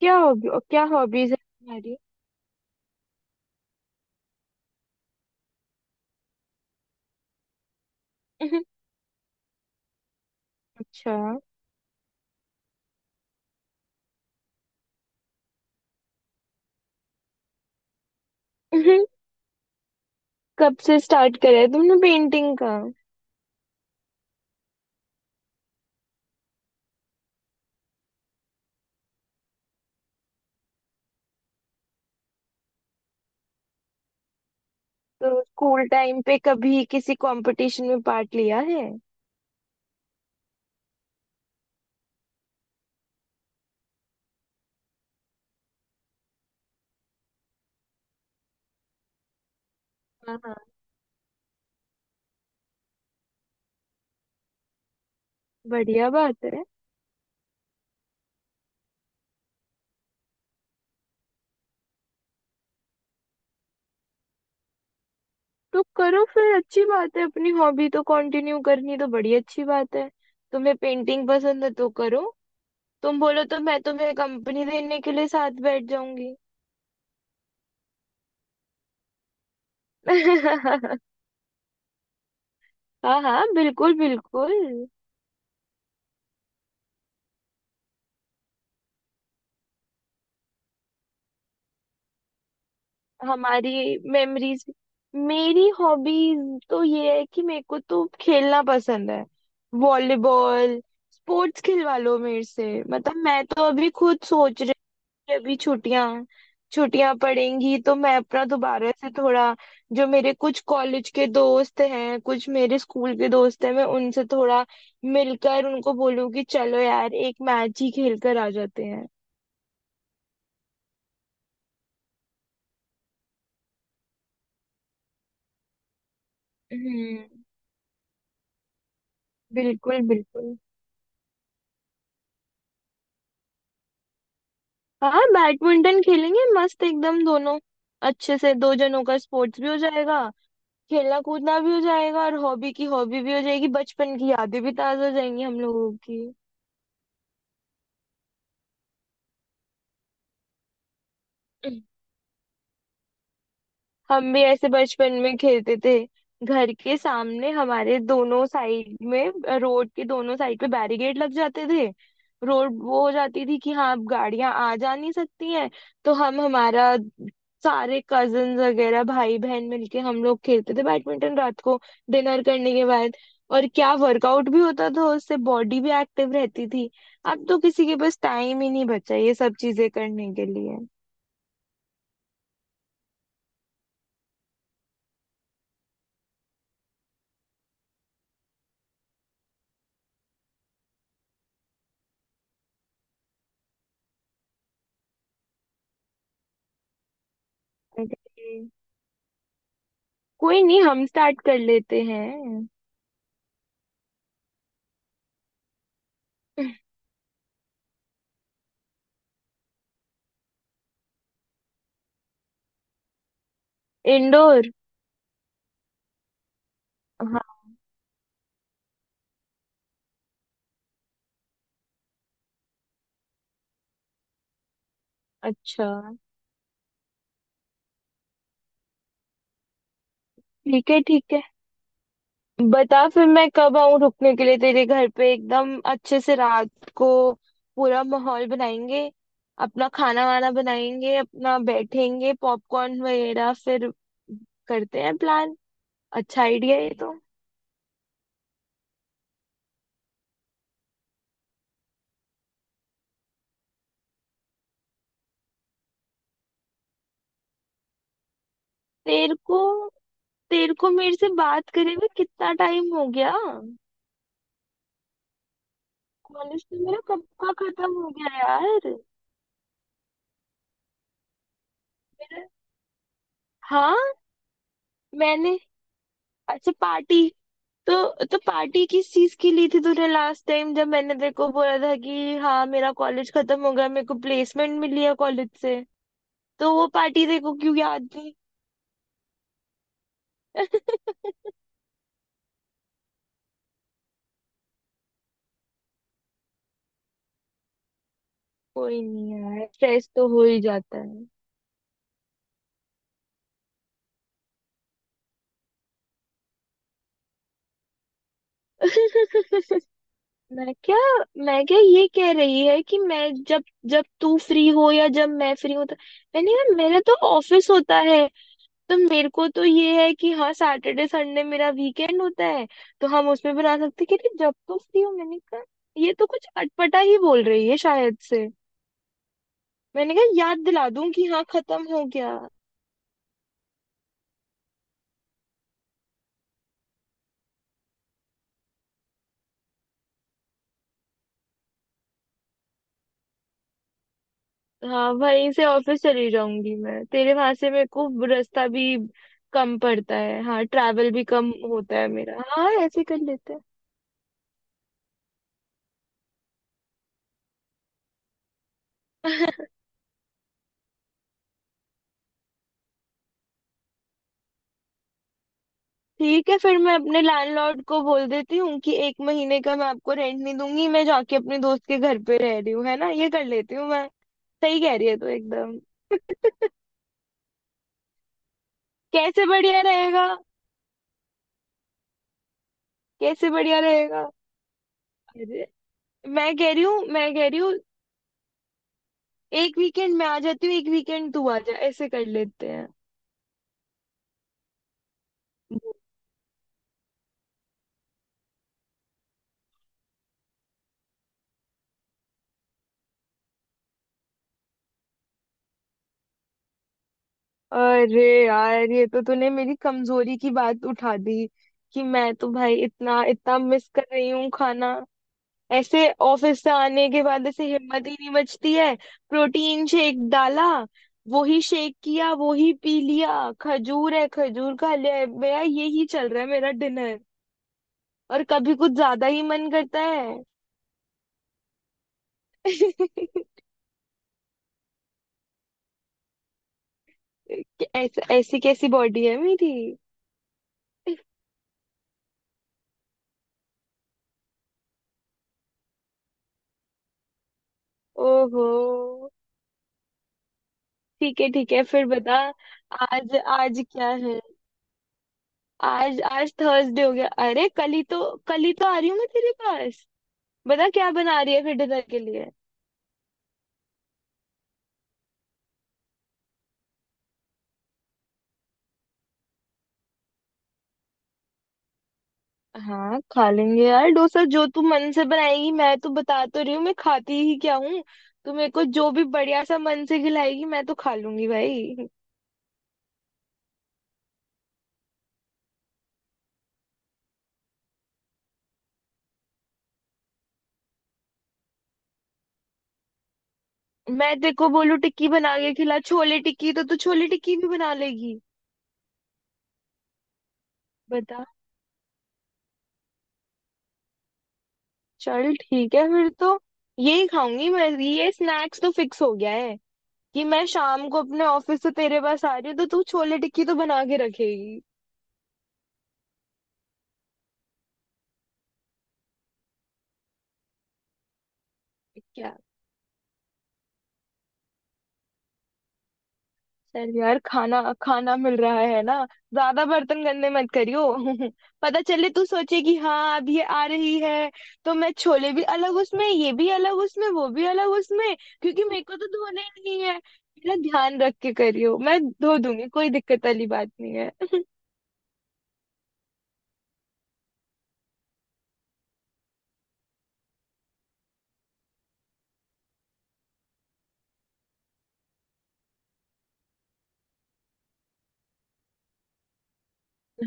क्या हॉबीज है तुम्हारी? अच्छा। कब से स्टार्ट करा है तुमने पेंटिंग का? तो स्कूल टाइम पे कभी किसी कंपटीशन में पार्ट लिया है? हाँ हाँ, बढ़िया बात है। तो करो फिर, अच्छी बात है अपनी हॉबी तो कंटिन्यू करनी, तो बड़ी अच्छी बात है। तुम्हें पेंटिंग पसंद है तो करो। तुम बोलो तो मैं तुम्हें कंपनी देने के लिए साथ बैठ जाऊंगी। हाँ हाँ, बिल्कुल बिल्कुल। हमारी मेमोरीज, मेरी हॉबीज तो ये है कि मेरे को तो खेलना पसंद है, वॉलीबॉल, स्पोर्ट्स खिलवा लो मेरे से, मतलब मैं तो अभी खुद सोच रही हूँ कि अभी छुट्टियां छुट्टियां पड़ेंगी तो मैं अपना दोबारा से थोड़ा, जो मेरे कुछ कॉलेज के दोस्त हैं, कुछ मेरे स्कूल के दोस्त हैं, मैं उनसे थोड़ा मिलकर उनको बोलूँ कि चलो यार एक मैच ही खेल कर आ जाते हैं। हम्म, बिल्कुल बिल्कुल। हाँ बैडमिंटन खेलेंगे मस्त एकदम दोनों अच्छे से, दो जनों का स्पोर्ट्स भी हो जाएगा। खेलना कूदना भी हो जाएगा और हॉबी की हॉबी भी हो जाएगी, बचपन की यादें भी ताजा हो जाएंगी हम लोगों की। हम भी ऐसे बचपन में खेलते थे, घर के सामने हमारे दोनों साइड में, रोड के दोनों साइड पे बैरिकेड लग जाते थे। रोड वो हो जाती थी कि हाँ अब गाड़ियां आ जा नहीं सकती हैं, तो हम हमारा सारे कजन वगैरह भाई बहन मिलके हम लोग खेलते थे बैडमिंटन रात को डिनर करने के बाद। और क्या वर्कआउट भी होता था, उससे बॉडी भी एक्टिव रहती थी। अब तो किसी के पास टाइम ही नहीं बचा ये सब चीजें करने के लिए। अरे कोई नहीं, हम स्टार्ट कर लेते हैं। इंडोर। हाँ। अच्छा। ठीक है ठीक है, बता फिर मैं कब आऊँ रुकने के लिए तेरे घर पे, एकदम अच्छे से रात को पूरा माहौल बनाएंगे, अपना खाना वाना बनाएंगे अपना, बैठेंगे पॉपकॉर्न वगैरह, फिर करते हैं प्लान। अच्छा आइडिया है ये तो। तेरे को तेरे को मेरे से बात करे हुए कितना टाइम हो गया? कॉलेज तो मेरा कब का खत्म हो गया यार। मेरा, हाँ मैंने, अच्छा पार्टी, तो पार्टी किस चीज की ली थी तूने लास्ट टाइम, जब मैंने तेरे को बोला था कि हाँ मेरा कॉलेज खत्म हो गया, मेरे को प्लेसमेंट मिली है कॉलेज से, तो वो पार्टी तेरे को क्यों याद थी? कोई नहीं यार, स्ट्रेस तो हो ही जाता है। मैं क्या मैं क्या, ये कह रही है कि मैं जब जब तू फ्री हो या जब मैं फ्री हूँ तो, मैंने यार मेरा तो ऑफिस होता है, तो मेरे को तो ये है कि हाँ सैटरडे संडे मेरा वीकेंड होता है, तो हम उसमें बना सकते हैं। कह रही जब तुम फ्री हो, मैंने कहा ये तो कुछ अटपटा ही बोल रही है शायद से। मैंने कहा याद दिला दूं कि हाँ खत्म हो गया। हाँ वहीं से ऑफिस चली जाऊंगी मैं, तेरे वहां से मेरे को रास्ता भी कम पड़ता है, हाँ ट्रैवल भी कम होता है मेरा, हाँ ऐसे कर लेते हैं। ठीक है फिर मैं अपने लैंडलॉर्ड को बोल देती हूँ कि एक महीने का मैं आपको रेंट नहीं दूंगी, मैं जाके अपने दोस्त के घर पे रह रही हूँ, है ना, ये कर लेती हूँ मैं। सही कह रही है तू एकदम। कैसे बढ़िया रहेगा? कैसे बढ़िया रहेगा? अरे मैं कह रही हूँ, मैं कह रही हूँ एक वीकेंड मैं आ जाती हूँ, एक वीकेंड तू आ जा, ऐसे कर लेते हैं। अरे यार ये तो तूने मेरी कमजोरी की बात उठा दी कि मैं तो भाई इतना इतना मिस कर रही हूँ खाना। ऐसे ऑफिस से आने के बाद ऐसे हिम्मत ही नहीं बचती है, प्रोटीन शेक डाला, वो ही शेक किया वो ही पी लिया, खजूर है खजूर खा लिया, मेरा यही चल रहा है मेरा डिनर। और कभी कुछ ज्यादा ही मन करता है। कि ऐसा, ऐसी कैसी बॉडी है मेरी। ओहो, ठीक है फिर बता, आज आज क्या है? आज आज थर्सडे हो गया, अरे कल ही तो, कल ही तो आ रही हूँ मैं तेरे पास। बता क्या बना रही है फिर डिनर के लिए? हाँ खा लेंगे यार डोसा, जो तू मन से बनाएगी, मैं तो बता तो रही हूँ मैं खाती ही क्या हूँ। तू मेरे को जो भी बढ़िया सा मन से खिलाएगी मैं तो खा लूंगी भाई। मैं तेरे को बोलू टिक्की बना के खिला, छोले टिक्की, तो तू छोले टिक्की भी बना लेगी? बता। चल ठीक है फिर तो यही खाऊंगी मैं, ये स्नैक्स तो फिक्स हो गया है कि मैं शाम को अपने ऑफिस से तेरे पास आ रही हूँ तो तू छोले टिक्की तो बना के रखेगी। क्या चल यार खाना खाना मिल रहा है ना, ज्यादा बर्तन गंदे मत करियो। पता चले तू सोचे कि हाँ अब ये आ रही है तो मैं छोले भी अलग उसमें, ये भी अलग उसमें, वो भी अलग उसमें, क्योंकि मेरे को तो धोने ही नहीं है। मेरा ध्यान रख के करियो, मैं धो दूंगी, कोई दिक्कत वाली बात नहीं है।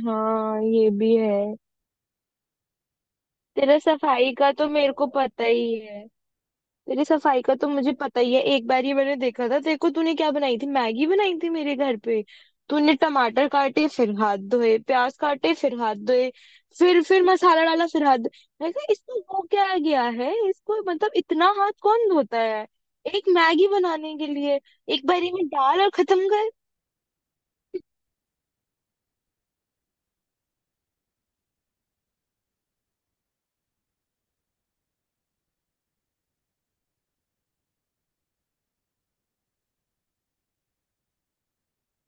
हाँ ये भी है, तेरा सफाई का तो मेरे को पता ही है। तेरी सफाई का तो मुझे पता ही है, एक बार ये मैंने देखा था, देखो तूने क्या बनाई थी, मैगी बनाई थी मेरे घर पे। तूने टमाटर काटे फिर हाथ धोए, प्याज काटे फिर हाथ धोए, फिर मसाला डाला फिर हाथ धोए। मैं कहा इसको हो क्या गया है इसको, मतलब इतना हाथ कौन धोता है एक मैगी बनाने के लिए? एक बारी में डाल और खत्म।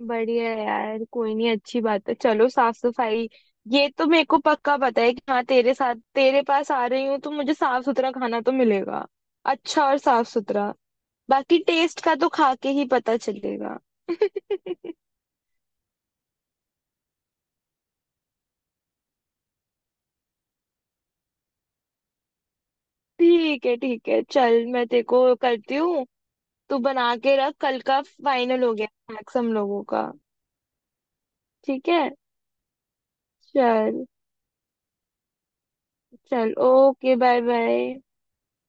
बढ़िया है यार, कोई नहीं अच्छी बात है चलो, साफ सफाई, ये तो मेरे को पक्का पता है कि हाँ तेरे साथ, तेरे पास आ रही हूँ तो मुझे साफ सुथरा खाना तो मिलेगा अच्छा, और साफ सुथरा। बाकी टेस्ट का तो खा के ही पता चलेगा। ठीक है चल, मैं तेरे को करती हूँ, तू बना के रख, कल का फाइनल हो गया स्नैक्स हम लोगों का। ठीक है चल, चल ओके बाय बाय।